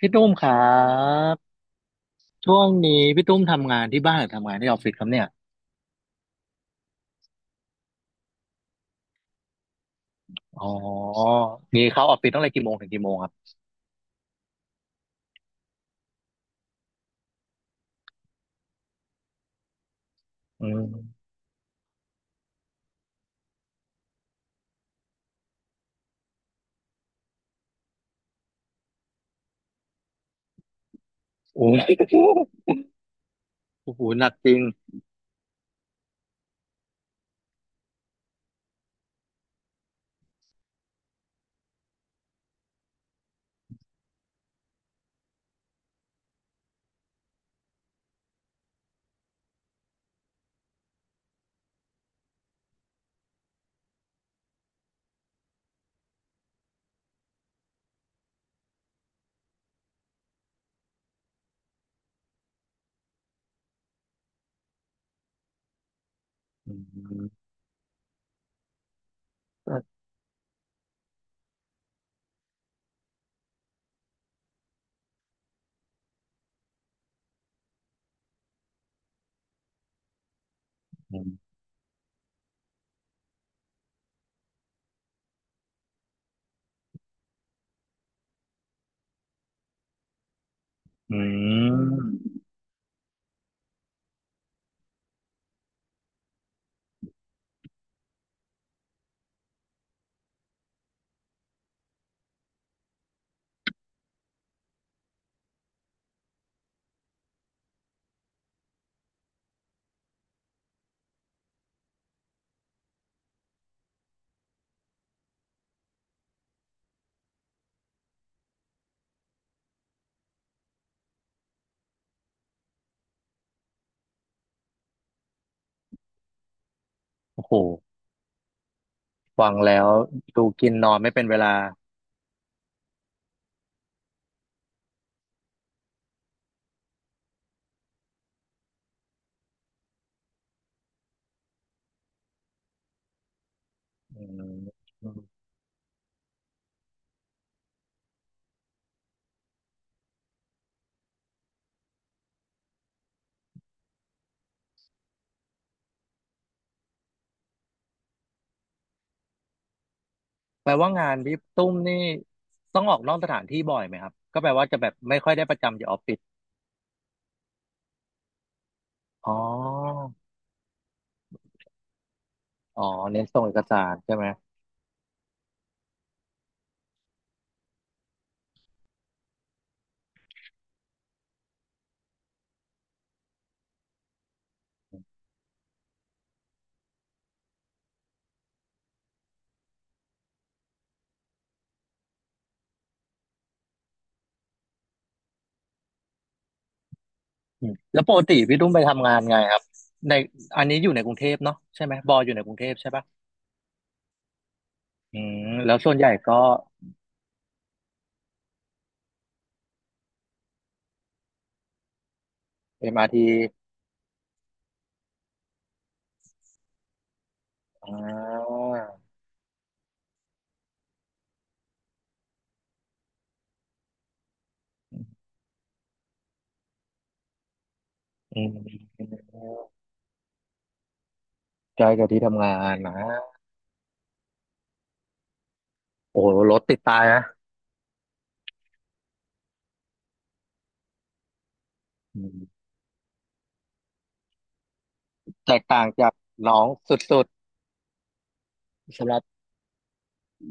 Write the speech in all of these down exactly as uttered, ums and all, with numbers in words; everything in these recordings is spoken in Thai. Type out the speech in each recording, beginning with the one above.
พี่ตุ้มครับช่วงนี้พี่ตุ้มทำงานที่บ้านหรือทำงานที่ออฟฟิศครับเนี่ยอ๋อนี่เข้าออฟฟิศตั้งแต่กี่โมงถึงกี่โมงครับอืมโอ้ยโอ้โหหนักจริงอืมอืมอืมโอ้โหฟังแล้วดูกินนอนไม่เป็นเวลาอืมแปลว่างานพี่ตุ้มนี่ต้องออกนอกสถานที่บ่อยไหมครับก็แปลว่าจะแบบไม่ค่อยได้ประจำอยู่ออฟฟิศอ๋ออ๋อเน้นส่งเอกสารใช่ไหม อืมแล้วปกติพี่ตุ้มไปทำงานไงครับในอันนี้อยู่ในกรุงเทพเนาะใช่ไหมบออยู่ในกรุงเทพใช่ปะอืมแล้วส่วนใหญ่ก็เอ็มอาร์ทีอ่าอืมใกล้กับที่ทำงานนะโอ้โหรถติดตายนะอืมแตกต่างจากน้องสุดๆสำหรับ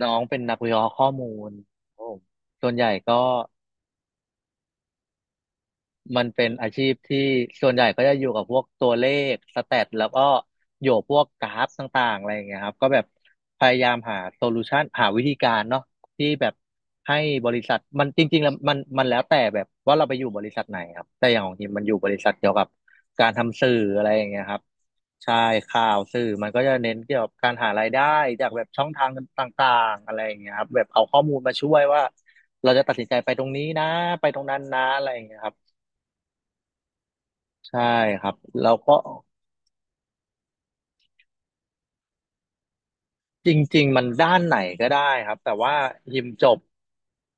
น้องเป็นนักวิเคราะห์ข้อมูลโอ้ส่วนใหญ่ก็ มันเป็นอาชีพที่ส่วนใหญ่ก็จะอยู่กับพวกตัวเลขสแตทแล้วก็อยู่พวกกราฟต่างๆอะไรอย่างเงี้ยครับก็แบบพยายามหาโซลูชันหาวิธีการเนาะที่แบบให้บริษัทมันจริงๆแล้วมันมันแล้วแต่แบบว่าเราไปอยู่บริษัทไหนครับแต่อย่างของทีมมันอยู่บริษัทเกี่ยวกับการทำสื่ออะไรอย่างเงี้ยครับใช่ข่าวสื่อมันก็จะเน้นเกี่ยวกับการหารายได้จากแบบช่องทางต่างๆอะไรอย่างเงี้ยครับแบบเอาข้อมูลมาช่วยว่าเราจะตัดสินใจไปตรงนี้นะไปตรงนั้นนะอะไรอย่างเงี้ยครับ ใช่ครับแล้วก็จริงๆมันด้านไหนก็ได้ครับแต่ว่าฮิมจบ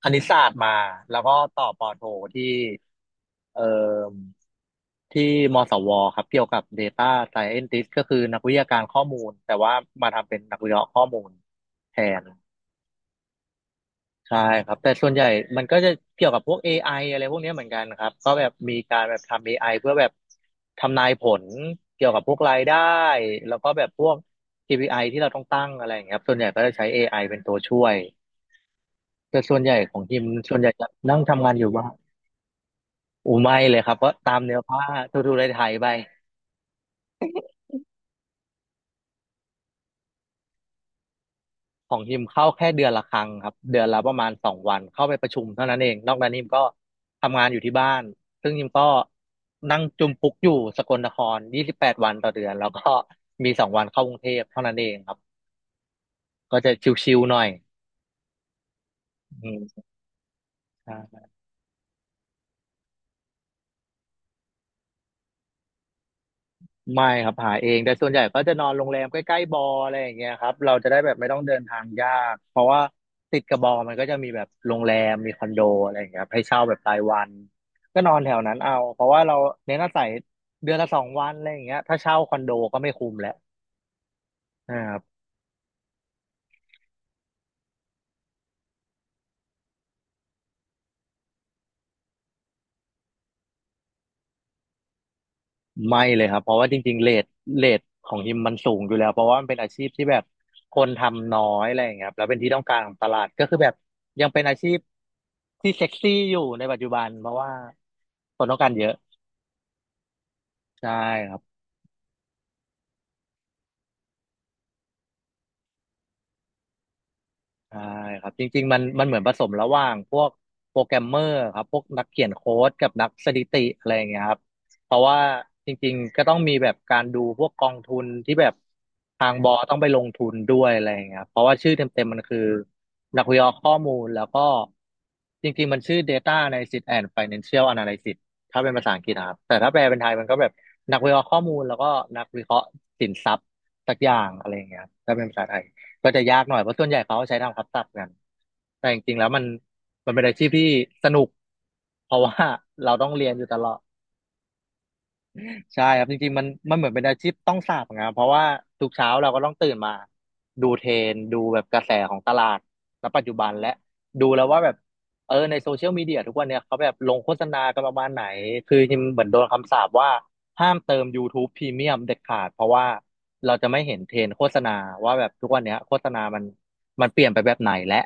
คณิตศาสตร์มาแล้วก็ต่อปอโทที่เอ่อที่มศวครับเกี่ยวกับ Data Scientist ก็คือนักวิทยาการข้อมูลแต่ว่ามาทำเป็นนักวิเคราะห์ข้อมูลแทน ใช่ครับแต่ส่วนใหญ่มันก็จะเกี่ยวกับพวก เอ ไอ อไออะไรพวกเนี้ยเหมือนกันครับก็แบบมีการแบบทำ เอ ไอ เพื่อแบบทำนายผลเกี่ยวกับพวกรายได้แล้วก็แบบพวก เค พี ไอ ที่เราต้องตั้งอะไรอย่างเงี้ยครับส่วนใหญ่ก็จะใช้ เอ ไอ เป็นตัวช่วยแต่ส่วนใหญ่ของทีมส่วนใหญ่จะนั่งทำงานอยู่ว่านอูไม่เลยครับก็ตามเนื้อผ้าทูทูไทยๆไป ของฮิมเข้าแค่เดือนละครั้งครับเดือนละประมาณสองวันเข้าไปประชุมเท่านั้นเอง นอกนั้นฮิมก็ทำงานอยู่ที่บ้าน ซึ่งฮิมก็นั่งจุมปุกอยู่สกลนครยี่สิบแปดวันต่อเดือนแล้วก็มีสองวันเข้ากรุงเทพเท่านั้นเองครับก็จะชิวๆหน่อยอืม ไม่ครับหาเองแต่ส่วนใหญ่ก็จะนอนโรงแรมใกล้ๆบออะไรอย่างเงี้ยครับเราจะได้แบบไม่ต้องเดินทางยากเพราะว่าติดกับบอมันก็จะมีแบบโรงแรมมีคอนโดอะไรอย่างเงี้ยครับให้เช่าแบบรายวันก็นอนแถวนั้นเอาเพราะว่าเราเน้นอาศัยเดือนละสองวันอะไรอย่างเงี้ยถ้าเช่าคอนโดก็ไม่คุ้มแล้วนะครับไม่เลยครับเพราะว่าจริงๆเรทเรทของฮิมมันสูงอยู่แล้วเพราะว่ามันเป็นอาชีพที่แบบคนทำน้อยอะไรอย่างเงี้ยครับแล้วเป็นที่ต้องการของตลาดก็คือแบบยังเป็นอาชีพที่เซ็กซี่อยู่ในปัจจุบันเพราะว่า คนต้องการเยอะใช่ครับใช่ครับจริงๆมันมันเหมือนผสมระหว่างพวกโปรแกรมเมอร์ครับพวกนักเขียนโค้ดกับนักสถิติอะไรอย่างเงี้ยครับเพราะว่าจริงๆก็ต้องมีแบบการดูพวกกองทุนที่แบบทางบอต้องไปลงทุนด้วยอะไรอย่างเงี้ยครับเพราะว่าชื่อเต็มๆมันคือนักวิเคราะห์ข้อมูลแล้วก็จริงๆมันชื่อ Data Analysis and Financial Analysis ถ้าเป็นภาษาอังกฤษนะครับแต่ถ้าแปลเป็นไทยมันก็แบบนักวิเคราะห์ข้อมูลแล้วก็นักวิเคราะห์สินทรัพย์สักอย่างอะไรอย่างเงี้ยครับถ้าเป็นภาษาไทย ก็จะยากหน่อยเพราะส่วนใหญ่เขาใช้ทำคับศัพท์กันแต่จริงๆแล้วมันมันเป็นอาชีพที่สนุกเพราะว่าเราต้องเรียนอยู่ตลอด ใช่ครับจริงๆมันมันเหมือนเป็นอาชีพต้องสาปนะครับเพราะว่าทุกเช้าเราก็ต้องตื่นมาดูเทรนด์ดูแบบกระแสของตลาดณปัจจุบันและดูแล้วว่าแบบเออในโซเชียลมีเดียทุกวันเนี่ยเขาแบบลงโฆษณากันประมาณไหนคือจริงๆเหมือนโดนคำสาปว่าห้ามเติม YouTube พ r e m ม u m เด็ดขาดเพราะว่าเราจะไม่เห็นเทรนด์โฆษณาว่าแบบทุกวันเนี้ยโฆษณามันมันเปลี่ยนไปแบบไหนและ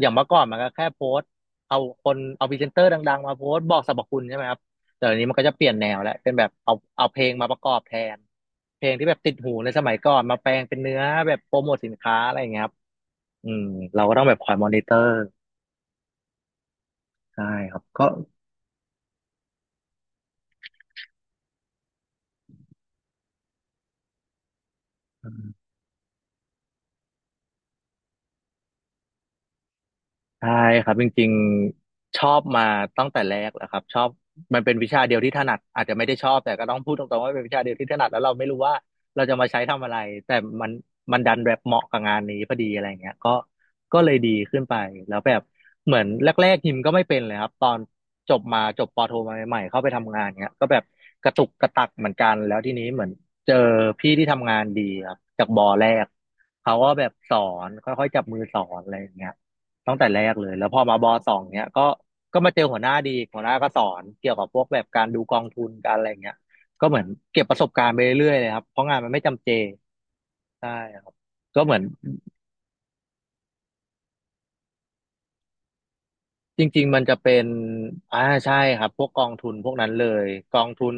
อย่างเมื่อก่อนมันก็แค่โพสต์เอาคนเอาพรีเซนเตอร์ดังๆมาโพสต์บอกสรรพคุณใช่ไหมครับ แต่เดี๋ยวนี้มันก็จะเปลี่ยนแนวแล้วเป็นแบบเอาเอาเพลงมาประกอบแทนเพลงที่แบบติดหูในสมัยก่อนมาแปลงเป็นเนื้อแบบโปรโมทสินค้าอะไรอย่างเงี้ยครับอืมเราก็ต้องแบบคอยมอนิเตอร์ใช่ครับก็ ใช่ครับจริงๆชอบมาตั้งแต่แรกแหละครับชอบมันเป็นวิชาเดียวที่ถนัดอาจจะไม่ได้ชอบแต่ก็ต้องพูดตรงๆว่าเป็นวิชาเดียวที่ถนัดแล้วเราไม่รู้ว่าเราจะมาใช้ทำอะไรแต่มันมันดันแบบเหมาะกับงานนี้พอดีอะไรเงี้ยก็ก็เลยดีขึ้นไปแล้วแบบเหมือนแรกๆฮิมก็ไม่เป็นเลยครับตอนจบมาจบปอโทมาใหม่ๆเข้าไปทำงานเงี้ยก็แบบกระตุกกระตักเหมือนกันแล้วทีนี้เหมือนเจอพี่ที่ทำงานดีครับจากบอแรกเขาก็แบบสอนค่อยๆจับมือสอนอะไรอย่างเงี้ย ตั้งแต่แรกเลยแล้วพอมาบอสองเนี้ยก็ก็มาเจอหัวหน้าดีหัวหน้าก็สอนเกี่ยวกับพวกแบบการดูกองทุนการอะไรเงี้ยก็เหมือนเก็บประสบการณ์ไปเรื่อยๆเลยครับเพราะงานมันไม่จำเจใช่ครับก็เหมือนจริงๆมันจะเป็นอ่าใช่ครับพวกกองทุนพวกนั้นเลยกองทุน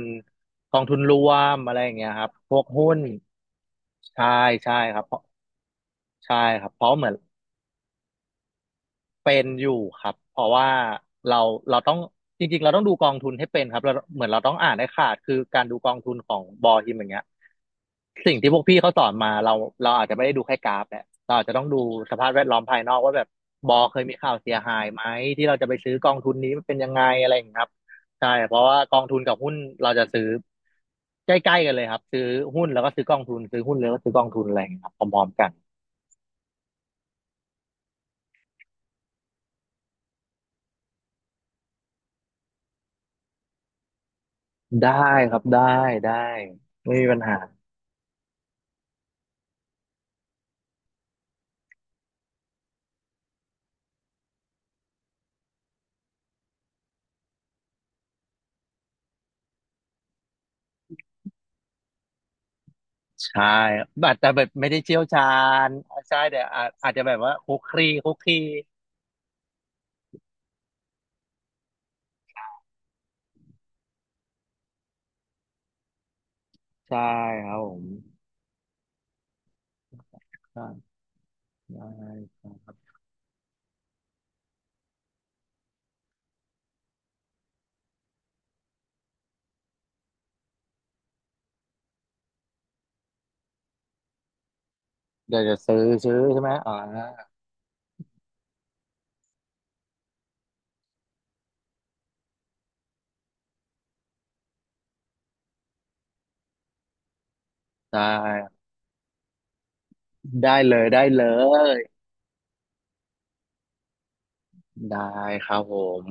กองทุนรวมอะไรอย่างเงี้ยครับพวกหุ้นใช่ใช่ครับเพราะใช่ครับเพราะเหมือน เป็นอยู่ครับเพราะว่าเราเราต้องจริงๆเราต้องดูกองทุนให้เป็นครับเราเหมือนเราต้องอ่านให้ขาดคือการดูกองทุนของบอฮิมอย่างเงี้ยสิ่งที่พวกพี่เขาสอนมาเราเราอาจจะไม่ได้ดูแค่กราฟแหละเราอาจจะต้องดูสภาพแวดล้อมภายนอกว่าแบบบอเคยมีข่าวเสียหายไหมที่เราจะไปซื้อกองทุนนี้มันเป็นยังไงอะไรอย่างเงี้ยครับใช่เพราะว่ากองทุนกับหุ้นเราจะซื้อใกล้ๆกันเลยครับซื้อหุ้นแล้วก็ซื้อกองทุนซื้อหุ้นแล้วก็ซื้อกองทุนอะไรอย่างเงี้ยครับพร้อมๆกันได้ครับได้ได้ไม่มีปัญหา ใช่อาจจะแบบไม่ได้เชี่ยวชาญใช่แต่อาจอาจจะแบบว่าคุกคลีคุกคลีใช่ครับผมใช่ได้ครับเดี๋ยวจะซื้อซื้อใช่ไหมอ่าได้ได้เลยได้เลย ได้ครับผม